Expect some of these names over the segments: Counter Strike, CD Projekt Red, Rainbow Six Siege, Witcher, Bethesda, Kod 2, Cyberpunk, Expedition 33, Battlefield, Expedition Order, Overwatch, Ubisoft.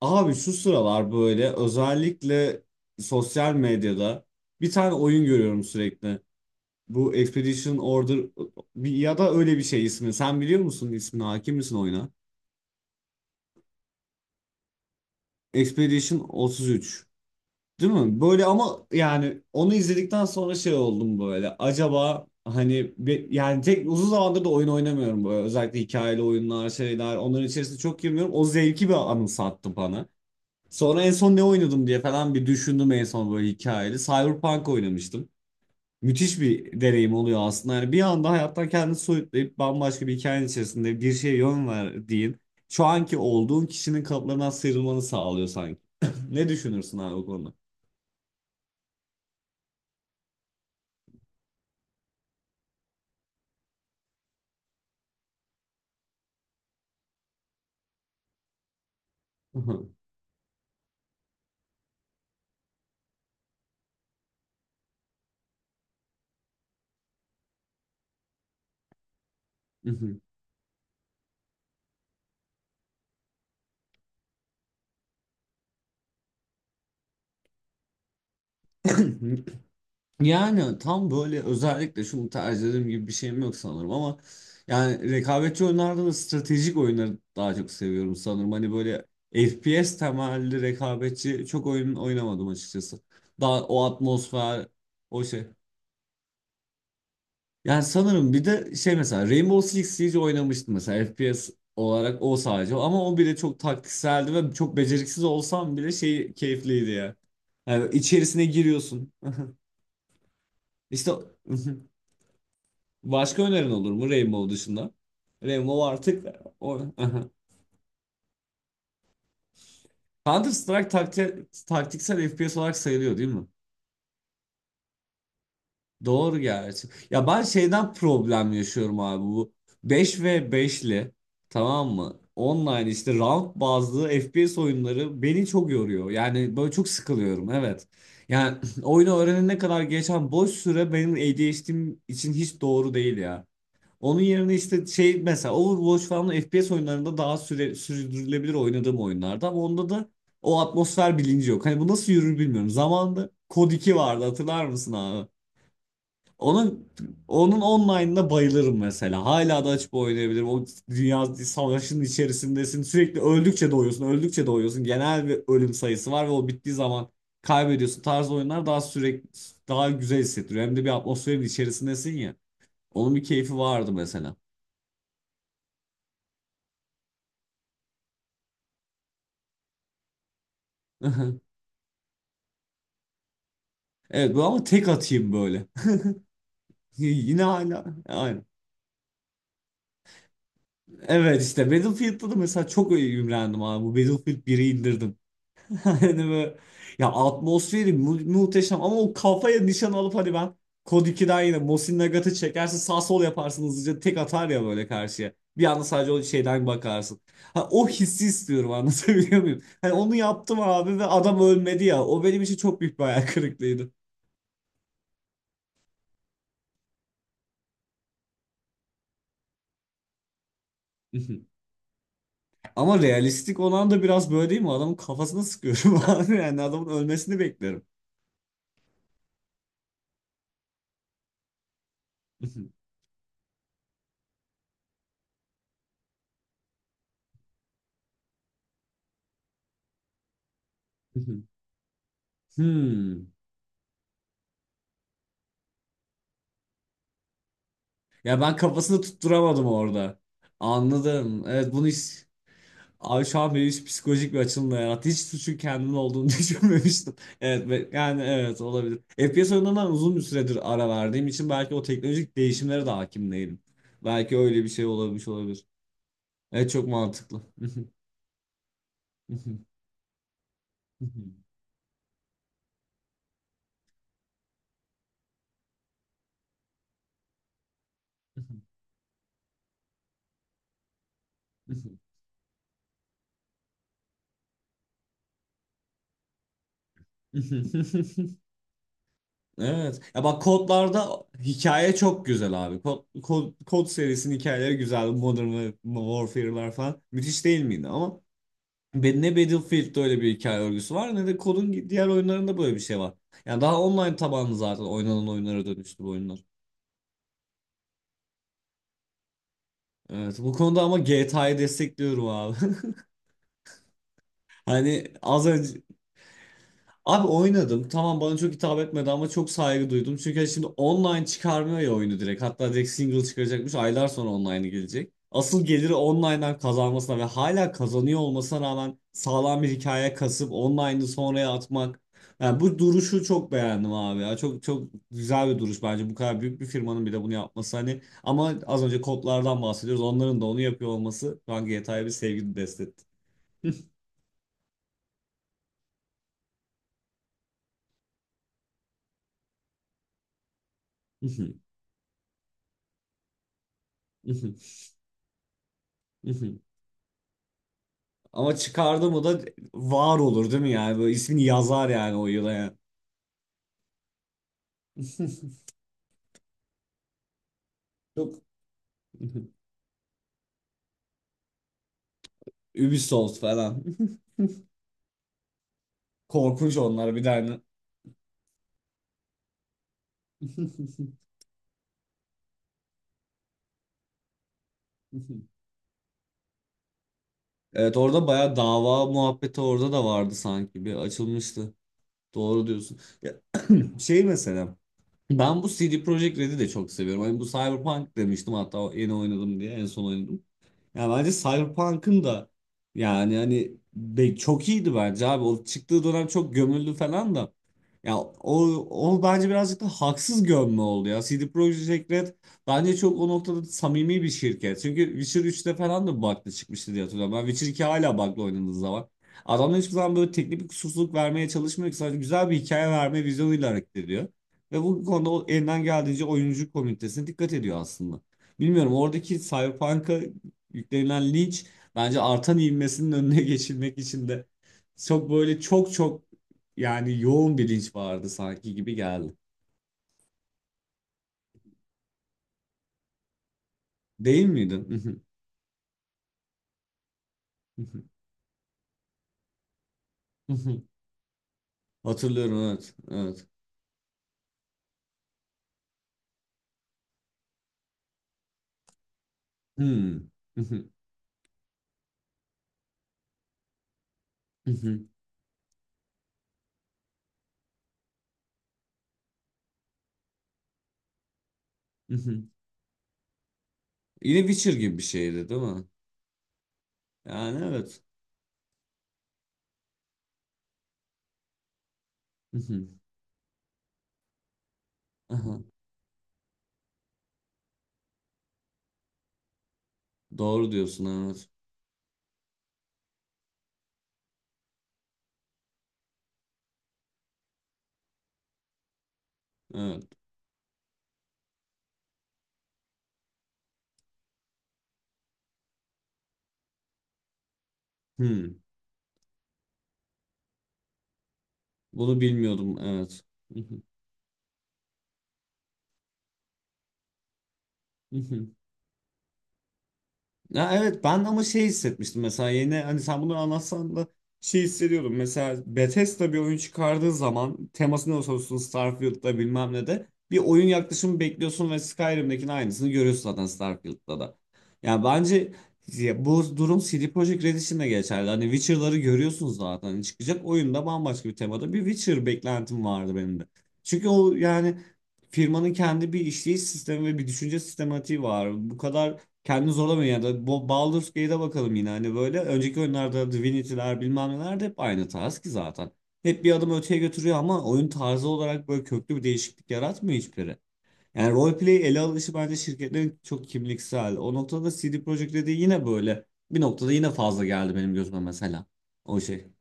Abi şu sıralar böyle özellikle sosyal medyada bir tane oyun görüyorum sürekli. Bu Expedition Order ya da öyle bir şey ismi. Sen biliyor musun ismini? Hakim misin oyuna? Expedition 33. Değil mi? Böyle ama yani onu izledikten sonra şey oldum böyle. Acaba hani yani tek uzun zamandır da oyun oynamıyorum böyle. Özellikle hikayeli oyunlar şeyler. Onların içerisinde çok girmiyorum. O zevki bir anımsattı bana. Sonra en son ne oynadım diye falan bir düşündüm en son böyle hikayeli. Cyberpunk oynamıştım. Müthiş bir deneyim oluyor aslında. Yani bir anda hayattan kendini soyutlayıp bambaşka bir hikayenin içerisinde bir şeye yön verdiğin, şu anki olduğun kişinin kalıplarından sıyrılmanı sağlıyor sanki. Ne düşünürsün abi o konuda? Yani tam böyle özellikle şunu tercih ederim gibi bir şeyim yok sanırım ama yani rekabetçi oyunlardan da stratejik oyunları daha çok seviyorum sanırım. Hani böyle FPS temelli rekabetçi çok oyun oynamadım açıkçası. Daha o atmosfer, o şey. Yani sanırım bir de şey mesela Rainbow Six Siege oynamıştım mesela FPS olarak o sadece ama o bile çok taktikseldi ve çok beceriksiz olsam bile şey keyifliydi ya. Yani içerisine giriyorsun. İşte. Başka önerin olur mu Rainbow dışında? Rainbow artık o... Counter Strike taktiksel FPS olarak sayılıyor değil mi? Doğru gerçi. Ya ben şeyden problem yaşıyorum abi bu beş ve beşli, tamam mı? Online işte round bazlı FPS oyunları beni çok yoruyor. Yani böyle çok sıkılıyorum, evet. Yani oyunu öğrenene kadar geçen boş süre benim ADHD'm için hiç doğru değil ya. Onun yerine işte şey mesela Overwatch falan FPS oyunlarında daha sürdürülebilir oynadığım oyunlarda ama onda da o atmosfer bilinci yok. Hani bu nasıl yürür bilmiyorum. Zamanında Kod 2 vardı, hatırlar mısın abi? Onun onun online'ına bayılırım mesela. Hala da açıp oynayabilirim. O dünya savaşının içerisindesin. Sürekli öldükçe doğuyorsun, öldükçe doğuyorsun. Genel bir ölüm sayısı var ve o bittiği zaman kaybediyorsun. Tarzı oyunlar daha sürekli daha güzel hissettiriyor. Hem de bir atmosferin içerisindesin ya. Onun bir keyfi vardı mesela. Evet bu ama tek atayım böyle. Yine hala aynı. Evet işte Battlefield'da da mesela çok imrendim abi. Bu Battlefield biri indirdim. Hani böyle ya atmosferi muhteşem ama o kafaya nişan alıp hani ben Kod 2'den yine Mosin Nagat'ı çekersin sağ sol yaparsın hızlıca tek atar ya böyle karşıya. Bir anda sadece o şeyden bakarsın. Ha, o hissi istiyorum, anlatabiliyor muyum? Hani onu yaptım abi ve adam ölmedi ya. O benim için çok büyük bir hayal kırıklığıydı. Ama realistik olan da biraz böyle değil mi? Adamın kafasına sıkıyorum abi. Yani adamın ölmesini beklerim. Hmm. Ya ben kafasını tutturamadım orada. Anladım. Evet bunu hiç... Abi şu an beni hiç psikolojik bir açılımla yarattı. Hiç suçun kendimin olduğunu düşünmemiştim. Evet yani evet olabilir. FPS oyunlarından uzun bir süredir ara verdiğim için belki o teknolojik değişimlere de hakim değilim. Belki öyle bir şey olabilmiş olabilir. Evet, çok mantıklı. Evet. Ya bak kodlarda hikaye çok güzel abi. Kod serisinin hikayeleri güzel. Modern Warfare'lar falan. Müthiş değil miydi? Ama ne Battlefield'de öyle bir hikaye örgüsü var ne de kodun diğer oyunlarında böyle bir şey var. Yani daha online tabanlı zaten oynanan oyunlara dönüştü bu oyunlar. Evet bu konuda ama GTA'yı destekliyorum abi. Hani az önce. Abi oynadım. Tamam bana çok hitap etmedi ama çok saygı duydum. Çünkü hani şimdi online çıkarmıyor ya oyunu direkt. Hatta direkt single çıkaracakmış. Aylar sonra online'ı gelecek. Asıl geliri online'dan kazanmasına ve hala kazanıyor olmasına rağmen sağlam bir hikaye kasıp online'ı sonraya atmak. Yani bu duruşu çok beğendim abi ya. Çok çok güzel bir duruş bence. Bu kadar büyük bir firmanın bir de bunu yapması hani. Ama az önce kodlardan bahsediyoruz. Onların da onu yapıyor olması şu an GTA'ya bir sevgi besletti. Ama çıkardı mı da var olur değil mi yani? Böyle ismini yazar yani o yıla yani. Çok Ubisoft falan. Korkunç onlar bir tane. Evet orada bayağı dava muhabbeti orada da vardı sanki. Bir açılmıştı. Doğru diyorsun. Ya, şey mesela ben bu CD Projekt Red'i de çok seviyorum. Hani bu Cyberpunk demiştim hatta yeni oynadım diye en son oynadım. Yani bence Cyberpunk'ın da yani hani çok iyiydi bence abi. O çıktığı dönem çok gömüldü falan da. Ya o, o bence birazcık da haksız gömme oldu ya. CD Projekt Red bence çok o noktada samimi bir şirket. Çünkü Witcher üçte falan da bug'lı çıkmıştı diye hatırlıyorum. Ben Witcher 2 hala bug'lı oynadığı zaman. Adamlar hiçbir zaman böyle teknik bir kusursuzluk vermeye çalışmıyor ki. Sadece güzel bir hikaye verme vizyonuyla hareket ediyor. Ve bu konuda o elinden geldiğince oyuncu komünitesine dikkat ediyor aslında. Bilmiyorum oradaki Cyberpunk'a yüklenilen linç bence artan ivmesinin önüne geçilmek için de çok böyle çok çok yani yoğun bir linç vardı sanki gibi geldi. Değil miydin? Hatırlıyorum, evet. Evet. Hmm. Yine Witcher gibi bir şeydi değil mi? Yani evet. Aha, doğru diyorsun evet. Evet. Hmm. Bunu bilmiyordum evet. Ya evet ben ama şey hissetmiştim mesela yeni hani sen bunu anlatsan da şey hissediyordum. Mesela Bethesda bir oyun çıkardığı zaman teması ne olursa olsun Starfield'da bilmem ne de bir oyun yaklaşımı bekliyorsun ve Skyrim'dekinin aynısını görüyorsun zaten Starfield'da da. Yani bence ya bu durum CD Projekt Red için de geçerli. Hani Witcher'ları görüyorsunuz zaten. Hani çıkacak oyunda bambaşka bir temada bir Witcher beklentim vardı benim de. Çünkü o yani firmanın kendi bir işleyiş sistemi ve bir düşünce sistematiği var. Bu kadar kendini zorlamıyor yani. Baldur's Gate'e bakalım yine hani böyle. Önceki oyunlarda Divinity'ler bilmem neler de hep aynı tarz ki zaten. Hep bir adım öteye götürüyor ama oyun tarzı olarak böyle köklü bir değişiklik yaratmıyor hiçbiri. Yani roleplay ele alışı bence şirketlerin çok kimliksel. O noktada CD Projekt dediği yine böyle. Bir noktada yine fazla geldi benim gözüme mesela. O şey.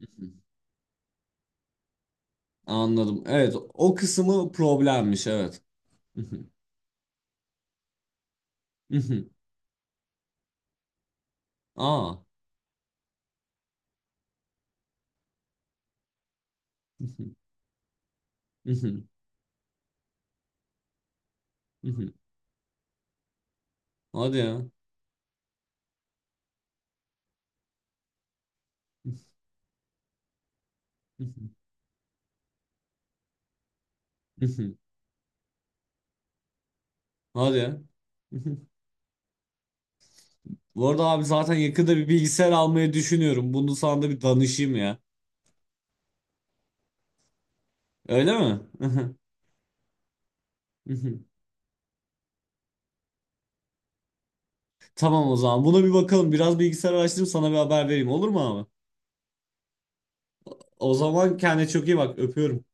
Mhm. Anladım. Evet, o kısmı problemmiş, evet. Mhm. Mhm. Aa. Mhm. Mhm. Mhm. Hadi ya. Mhm. Mhm. Hadi ya. Bu arada abi zaten yakında bir bilgisayar almayı düşünüyorum. Bunu sana da bir danışayım ya. Öyle mi? Tamam o zaman. Buna bir bakalım. Biraz bilgisayar araştırıp sana bir haber vereyim. Olur mu abi? O zaman kendine çok iyi bak. Öpüyorum.